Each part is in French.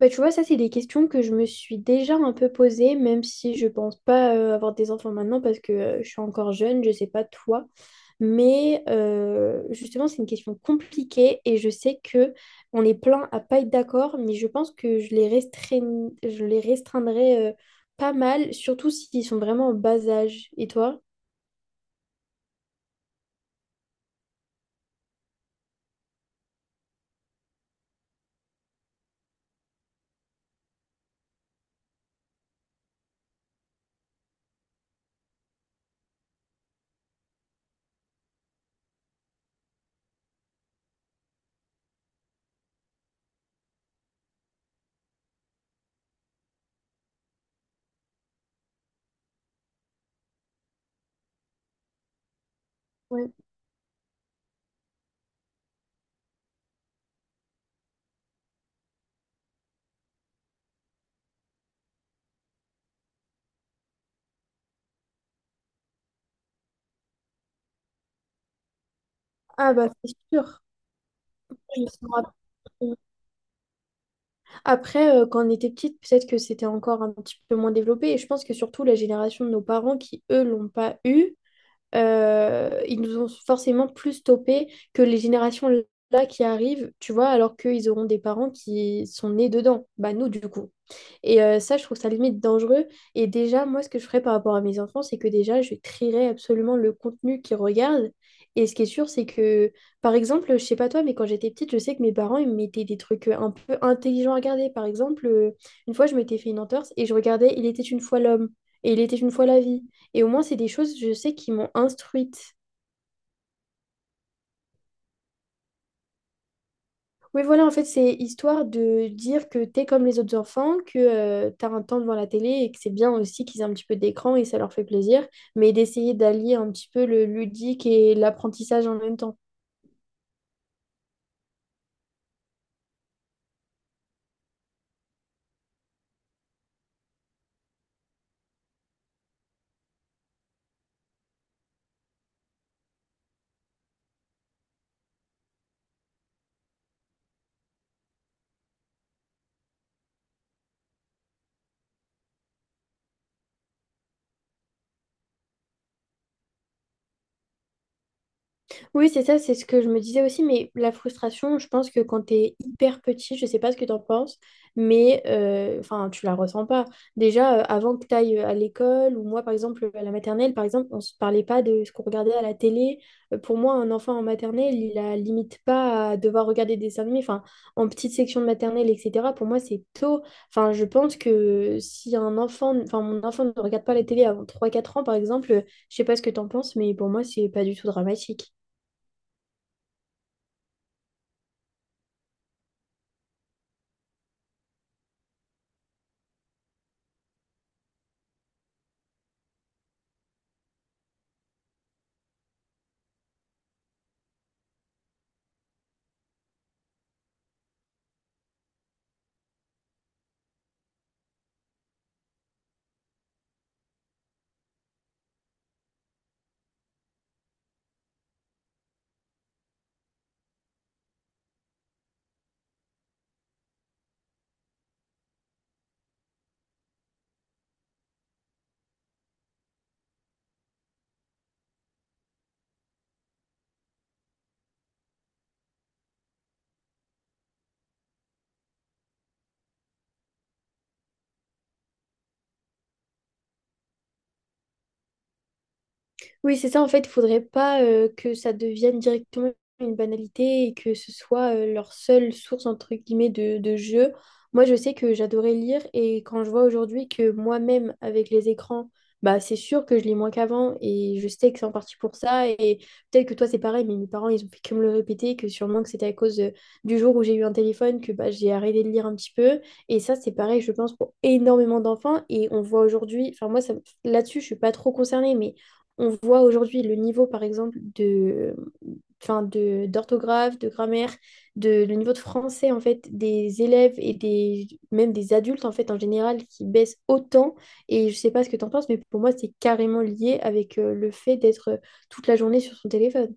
Bah, tu vois, ça, c'est des questions que je me suis déjà un peu posées, même si je pense pas avoir des enfants maintenant parce que je suis encore jeune, je sais pas toi. Justement, c'est une question compliquée et je sais que on est plein à pas être d'accord, mais je pense que je les je les restreindrai pas mal, surtout s'ils sont vraiment en bas âge. Et toi? Ouais. Ah bah c'est sûr. Je me sens, Après, quand on était petite, peut-être que c'était encore un petit peu moins développé. Et je pense que surtout la génération de nos parents qui, eux, l'ont pas eu, ils nous ont forcément plus stoppé que les générations là qui arrivent, tu vois, alors qu'ils auront des parents qui sont nés dedans. Bah nous, du coup. Et ça, je trouve ça limite dangereux. Et déjà, moi, ce que je ferais par rapport à mes enfants, c'est que déjà, je trierais absolument le contenu qu'ils regardent. Et ce qui est sûr, c'est que, par exemple, je sais pas toi, mais quand j'étais petite, je sais que mes parents, ils me mettaient des trucs un peu intelligents à regarder. Par exemple, une fois, je m'étais fait une entorse et je regardais Il était une fois l'homme et Il était une fois la vie. Et au moins, c'est des choses, je sais, qui m'ont instruite. Oui, voilà, en fait, c'est histoire de dire que t'es comme les autres enfants, que tu t'as un temps devant la télé et que c'est bien aussi qu'ils aient un petit peu d'écran et ça leur fait plaisir, mais d'essayer d'allier un petit peu le ludique et l'apprentissage en même temps. Oui, c'est ça, c'est ce que je me disais aussi, mais la frustration, je pense que quand tu es hyper petit, je sais pas ce que tu en penses, enfin, tu la ressens pas. Déjà, avant que tu ailles à l'école, ou moi, par exemple, à la maternelle, par exemple, on se parlait pas de ce qu'on regardait à la télé. Pour moi, un enfant en maternelle, il a limite pas à devoir regarder des dessins animés, enfin, en petite section de maternelle, etc. Pour moi, c'est tôt. Enfin, je pense que si un enfant, enfin, mon enfant ne regarde pas la télé avant trois quatre ans, par exemple, je sais pas ce que tu en penses, mais pour moi, c'est pas du tout dramatique. Oui, c'est ça, en fait, il faudrait pas que ça devienne directement une banalité et que ce soit leur seule source, entre guillemets, de jeu. Moi, je sais que j'adorais lire et quand je vois aujourd'hui que moi-même, avec les écrans, bah, c'est sûr que je lis moins qu'avant et je sais que c'est en partie pour ça. Et peut-être que toi, c'est pareil, mais mes parents, ils ont fait que me le répéter, que sûrement que c'était à cause du jour où j'ai eu un téléphone que bah, j'ai arrêté de lire un petit peu. Et ça, c'est pareil, je pense, pour énormément d'enfants. Et on voit aujourd'hui, enfin, moi, ça, là-dessus, je suis pas trop concernée, mais on voit aujourd'hui le niveau, par exemple, de, enfin, d'orthographe, de grammaire, de, le niveau de français, en fait, des élèves et des, même des adultes, en fait, en général, qui baissent autant. Et je sais pas ce que tu en penses, mais pour moi, c'est carrément lié avec le fait d'être toute la journée sur son téléphone.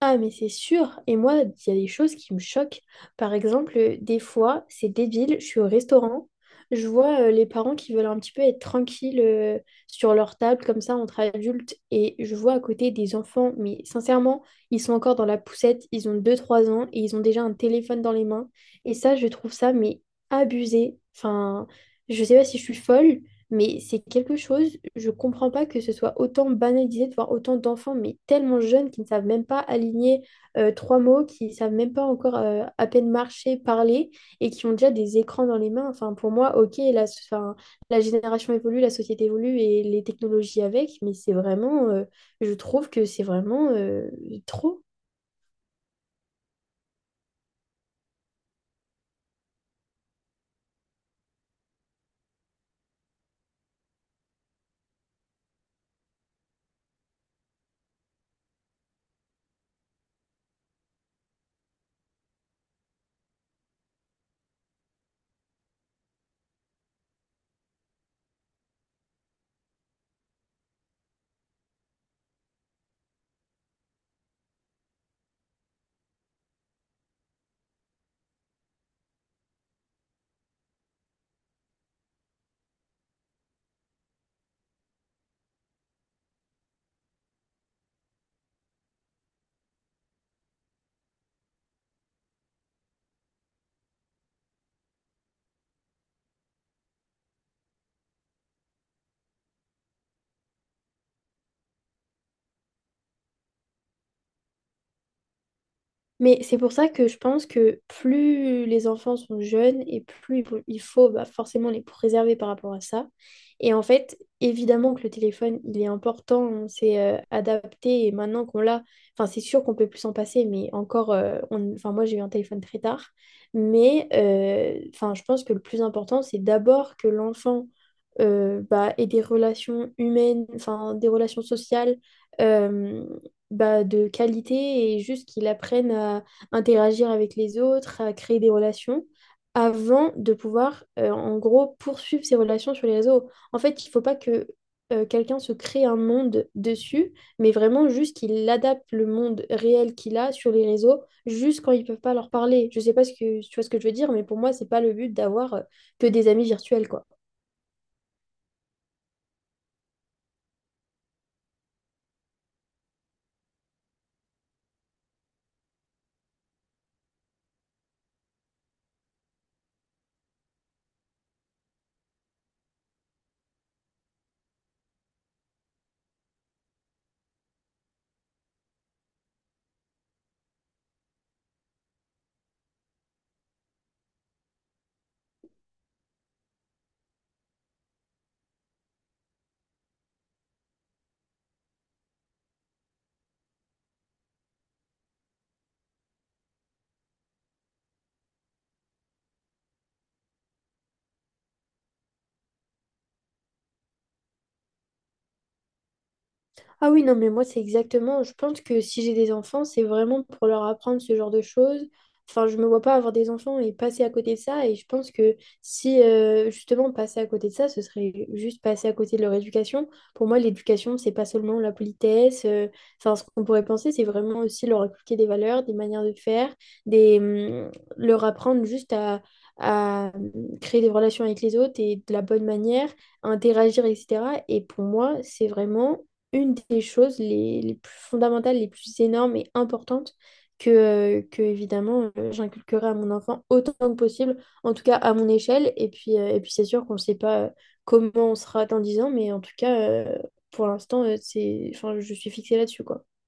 Ah, mais c'est sûr. Et moi, il y a des choses qui me choquent. Par exemple, des fois, c'est débile, je suis au restaurant, je vois les parents qui veulent un petit peu être tranquilles sur leur table, comme ça, entre adultes, et je vois à côté des enfants, mais sincèrement, ils sont encore dans la poussette, ils ont deux trois ans, et ils ont déjà un téléphone dans les mains. Et ça, je trouve ça, mais abusé. Enfin, je sais pas si je suis folle, mais c'est quelque chose, je comprends pas que ce soit autant banalisé de voir autant d'enfants, mais tellement jeunes qui ne savent même pas aligner trois mots, qui savent même pas encore à peine marcher, parler, et qui ont déjà des écrans dans les mains. Enfin, pour moi, ok, la, enfin, la génération évolue, la société évolue et les technologies avec, mais c'est je trouve que c'est vraiment trop. Mais c'est pour ça que je pense que plus les enfants sont jeunes et plus il faut, bah, forcément les préserver par rapport à ça. Et en fait, évidemment que le téléphone, il est important, on s'est adapté et maintenant qu'on l'a, enfin c'est sûr qu'on peut plus s'en passer, mais encore, enfin moi j'ai eu un téléphone très tard, enfin je pense que le plus important, c'est d'abord que l'enfant bah, ait des relations humaines, enfin des relations sociales euh, bah, de qualité et juste qu'ils apprennent à interagir avec les autres, à créer des relations avant de pouvoir, en gros, poursuivre ces relations sur les réseaux. En fait, il ne faut pas que quelqu'un se crée un monde dessus, mais vraiment juste qu'il adapte le monde réel qu'il a sur les réseaux, juste quand ils ne peuvent pas leur parler. Je ne sais pas ce que, tu vois ce que je veux dire, mais pour moi, ce n'est pas le but d'avoir que des amis virtuels, quoi. Ah oui, non, mais moi, c'est exactement. Je pense que si j'ai des enfants, c'est vraiment pour leur apprendre ce genre de choses. Enfin, je me vois pas avoir des enfants et passer à côté de ça. Et je pense que si, justement, passer à côté de ça, ce serait juste passer à côté de leur éducation. Pour moi, l'éducation, c'est pas seulement la politesse. Enfin, ce qu'on pourrait penser, c'est vraiment aussi leur inculquer des valeurs, des manières de faire, des, hum, leur apprendre juste à, à hum, créer des relations avec les autres et de la bonne manière à interagir, etc. Et pour moi, c'est vraiment une des choses les plus fondamentales, les plus énormes et importantes que évidemment, j'inculquerai à mon enfant autant que possible, en tout cas à mon échelle. Et puis c'est sûr qu'on ne sait pas comment on sera dans 10 ans, mais en tout cas, pour l'instant, c'est, enfin, je suis fixée là-dessus, quoi.